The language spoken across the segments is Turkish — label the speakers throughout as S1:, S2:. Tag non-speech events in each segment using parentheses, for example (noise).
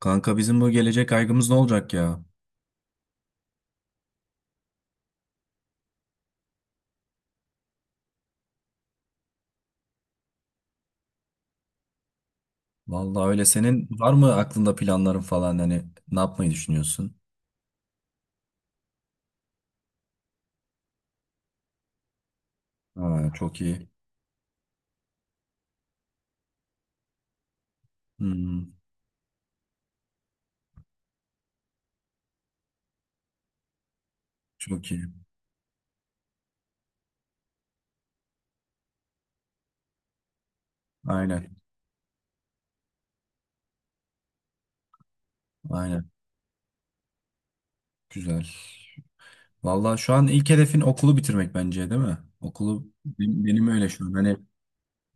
S1: Kanka bizim bu gelecek kaygımız ne olacak ya? Vallahi öyle. Senin var mı aklında planların falan, hani ne yapmayı düşünüyorsun? Ha, çok iyi. Hmm, çok iyi. Aynen. Aynen. Güzel. Vallahi şu an ilk hedefin okulu bitirmek bence, değil mi? Okulu benim öyle şu an. Hani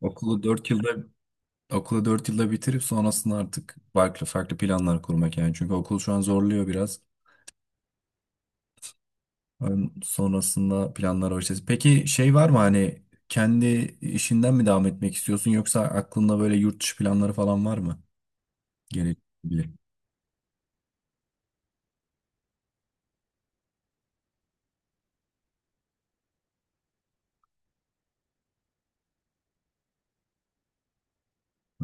S1: okulu 4 yılda okulu 4 yılda bitirip sonrasında artık farklı planlar kurmak yani. Çünkü okul şu an zorluyor biraz. Sonrasında planlar var işte. Peki şey var mı, hani kendi işinden mi devam etmek istiyorsun, yoksa aklında böyle yurt dışı planları falan var mı? Gerekli.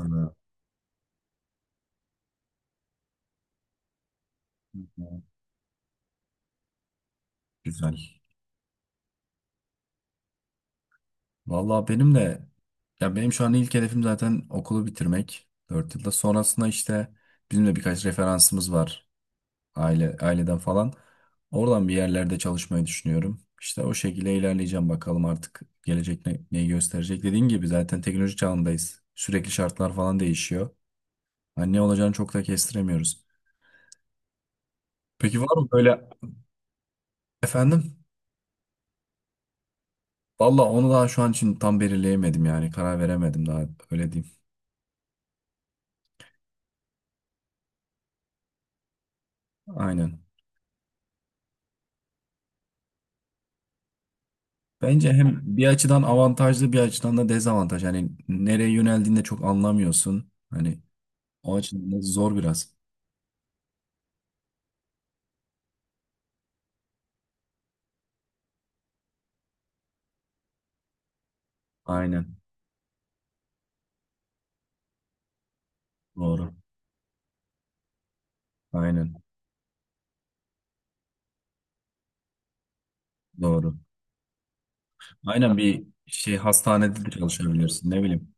S1: Ana, güzel. Vallahi benim de, ya benim şu an ilk hedefim zaten okulu bitirmek. Dört yılda sonrasında işte bizim de birkaç referansımız var, aileden falan. Oradan bir yerlerde çalışmayı düşünüyorum. İşte o şekilde ilerleyeceğim, bakalım artık gelecek ne, neyi gösterecek. Dediğin gibi zaten teknoloji çağındayız. Sürekli şartlar falan değişiyor. Hani ne olacağını çok da kestiremiyoruz. Peki var mı böyle? Efendim? Valla onu daha şu an için tam belirleyemedim yani, karar veremedim daha, öyle diyeyim. Aynen. Bence hem bir açıdan avantajlı, bir açıdan da dezavantaj. Hani nereye yöneldiğinde çok anlamıyorsun. Hani o açıdan da zor biraz. Aynen. Doğru. Aynen. Doğru. Aynen, bir şey hastanede de çalışabilirsin, ne bileyim.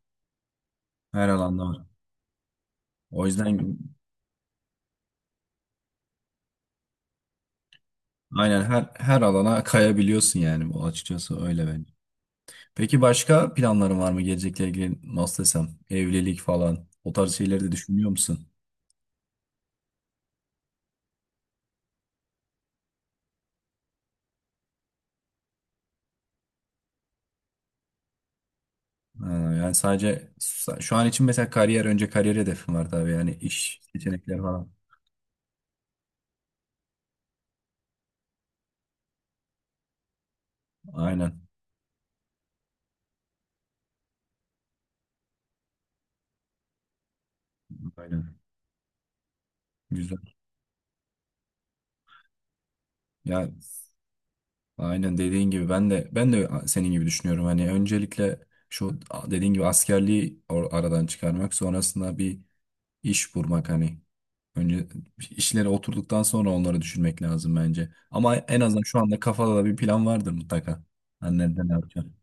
S1: Her alanda var. O yüzden aynen her alana kayabiliyorsun yani, bu açıkçası öyle bence. Peki başka planların var mı gelecekle ilgili, nasıl desem, evlilik falan o tarz şeyleri de düşünüyor musun? Ha, yani sadece şu an için mesela kariyer, önce kariyer hedefim var tabii, yani iş seçenekleri falan. Aynen. Aynen. Güzel. Ya aynen dediğin gibi, ben de senin gibi düşünüyorum. Hani öncelikle şu dediğin gibi askerliği aradan çıkarmak, sonrasında bir iş bulmak, hani önce işlere oturduktan sonra onları düşünmek lazım bence. Ama en azından şu anda kafada da bir plan vardır mutlaka. Annenden ne yapacağım?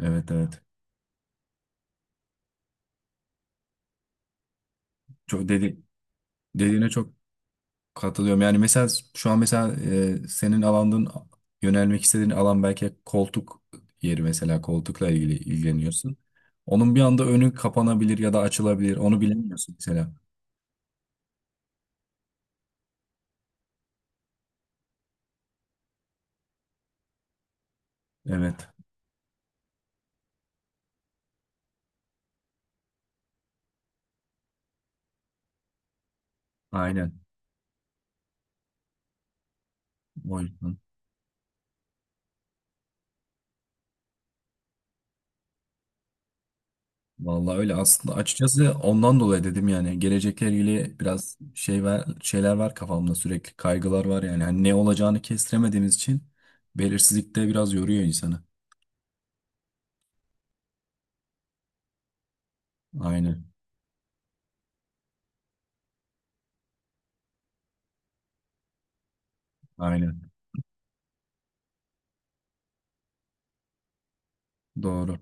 S1: Evet, evet. Çok dedi Dediğine çok katılıyorum. Yani mesela şu an mesela, senin alandın, yönelmek istediğin alan, belki koltuk yeri, mesela koltukla ilgileniyorsun. Onun bir anda önü kapanabilir ya da açılabilir. Onu bilemiyorsun mesela. Evet. Aynen. O yüzden. Vallahi öyle aslında, açıkçası ondan dolayı dedim yani gelecekle ilgili biraz şey var, şeyler var kafamda, sürekli kaygılar var yani. Hani ne olacağını kestiremediğimiz için belirsizlik de biraz yoruyor insanı. Aynen. Aynen. Doğru.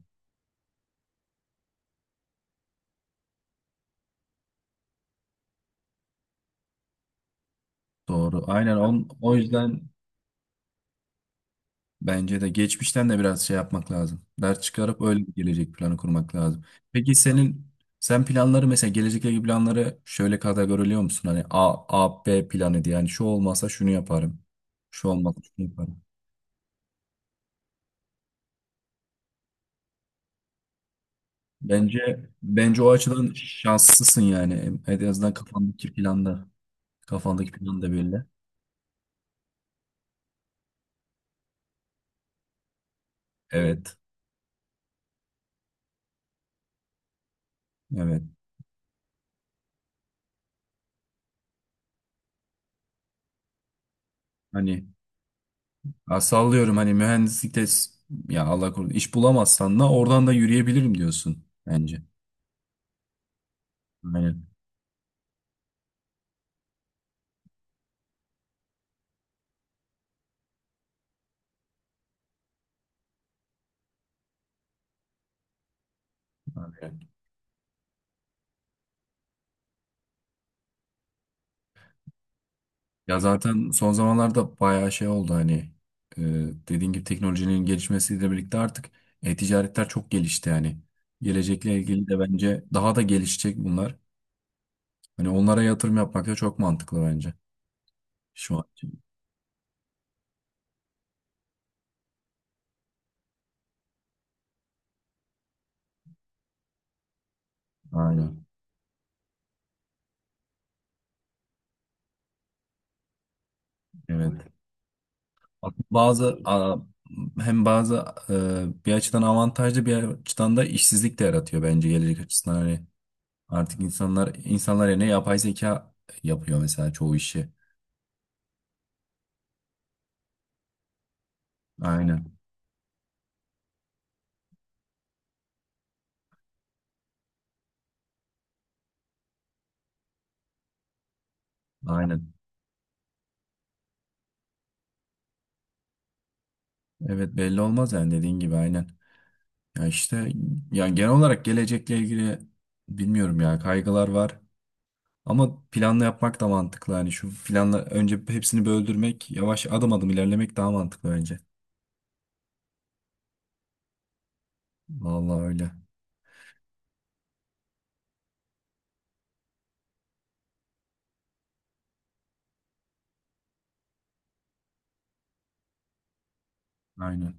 S1: Doğru. O yüzden bence de geçmişten de biraz şey yapmak lazım. Ders çıkarıp öyle bir gelecek planı kurmak lazım. Peki senin, sen planları mesela gelecekle ilgili planları şöyle kategoriliyor musun? Hani B planı diye. Yani şu olmazsa şunu yaparım. Şu olmazsa şunu yaparım. Bence o açıdan şanslısın yani. En azından kafandaki planda. Kafandaki plan da belli. Evet. Evet. Hani, ya sallıyorum hani mühendislikte, ya Allah korusun iş bulamazsan da oradan da yürüyebilirim diyorsun bence. Aynen. Aynen. Ya zaten son zamanlarda bayağı şey oldu, hani e, dediğin gibi teknolojinin gelişmesiyle birlikte artık e-ticaretler çok gelişti yani. Gelecekle ilgili de bence daha da gelişecek bunlar. Hani onlara yatırım yapmak da çok mantıklı bence şu an için. Aynen. Evet. Bazı a- Hem bazı bir açıdan avantajlı, bir açıdan da işsizlik de yaratıyor bence gelecek açısından, hani artık insanlar yerine yapay zeka yapıyor mesela çoğu işi. Aynen. Aynen. Evet, belli olmaz yani dediğin gibi, aynen. Ya işte, ya genel olarak gelecekle ilgili bilmiyorum ya, kaygılar var. Ama planla yapmak da mantıklı. Hani şu planla önce hepsini böldürmek, yavaş adım adım ilerlemek daha mantıklı bence. Vallahi öyle. Aynen.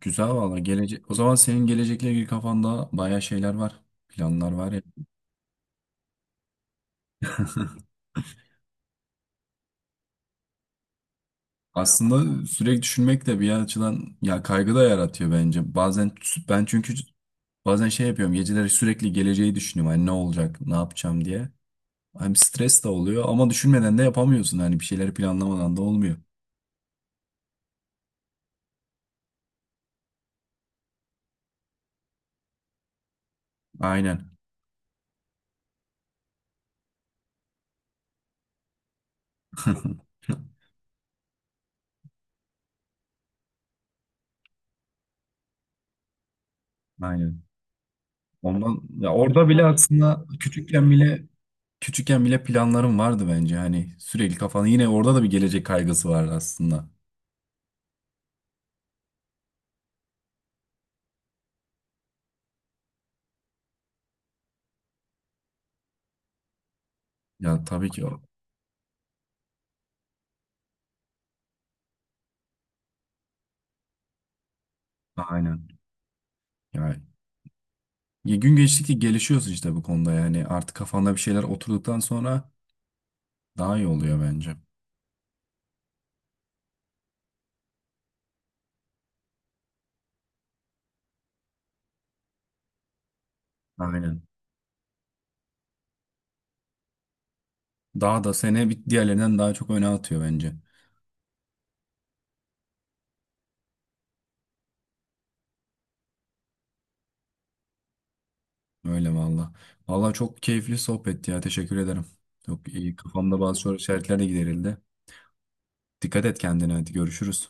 S1: Güzel valla gelecek. O zaman senin gelecekle ilgili kafanda bayağı şeyler var. Planlar var ya. Aslında sürekli düşünmek de bir açıdan ya kaygı da yaratıyor bence. Bazen ben çünkü bazen şey yapıyorum. Geceleri sürekli geleceği düşünüyorum. Hani ne olacak, ne yapacağım diye. Hani stres de oluyor ama düşünmeden de yapamıyorsun. Hani bir şeyleri planlamadan da olmuyor. Aynen. (laughs) Aynen. Ondan ya Orada bile aslında, küçükken bile planlarım vardı bence. Hani sürekli kafanı, yine orada da bir gelecek kaygısı vardı aslında. Ya tabii ki o. Aynen. Yani gün geçtikçe gelişiyorsun işte bu konuda, yani artık kafanda bir şeyler oturduktan sonra daha iyi oluyor bence. Aynen. Daha da seni bir diğerlerinden daha çok öne atıyor bence. Öyle valla. Valla çok keyifli sohbetti ya, teşekkür ederim. Çok iyi, kafamda bazı soru işaretleri de giderildi. Dikkat et kendine, hadi görüşürüz.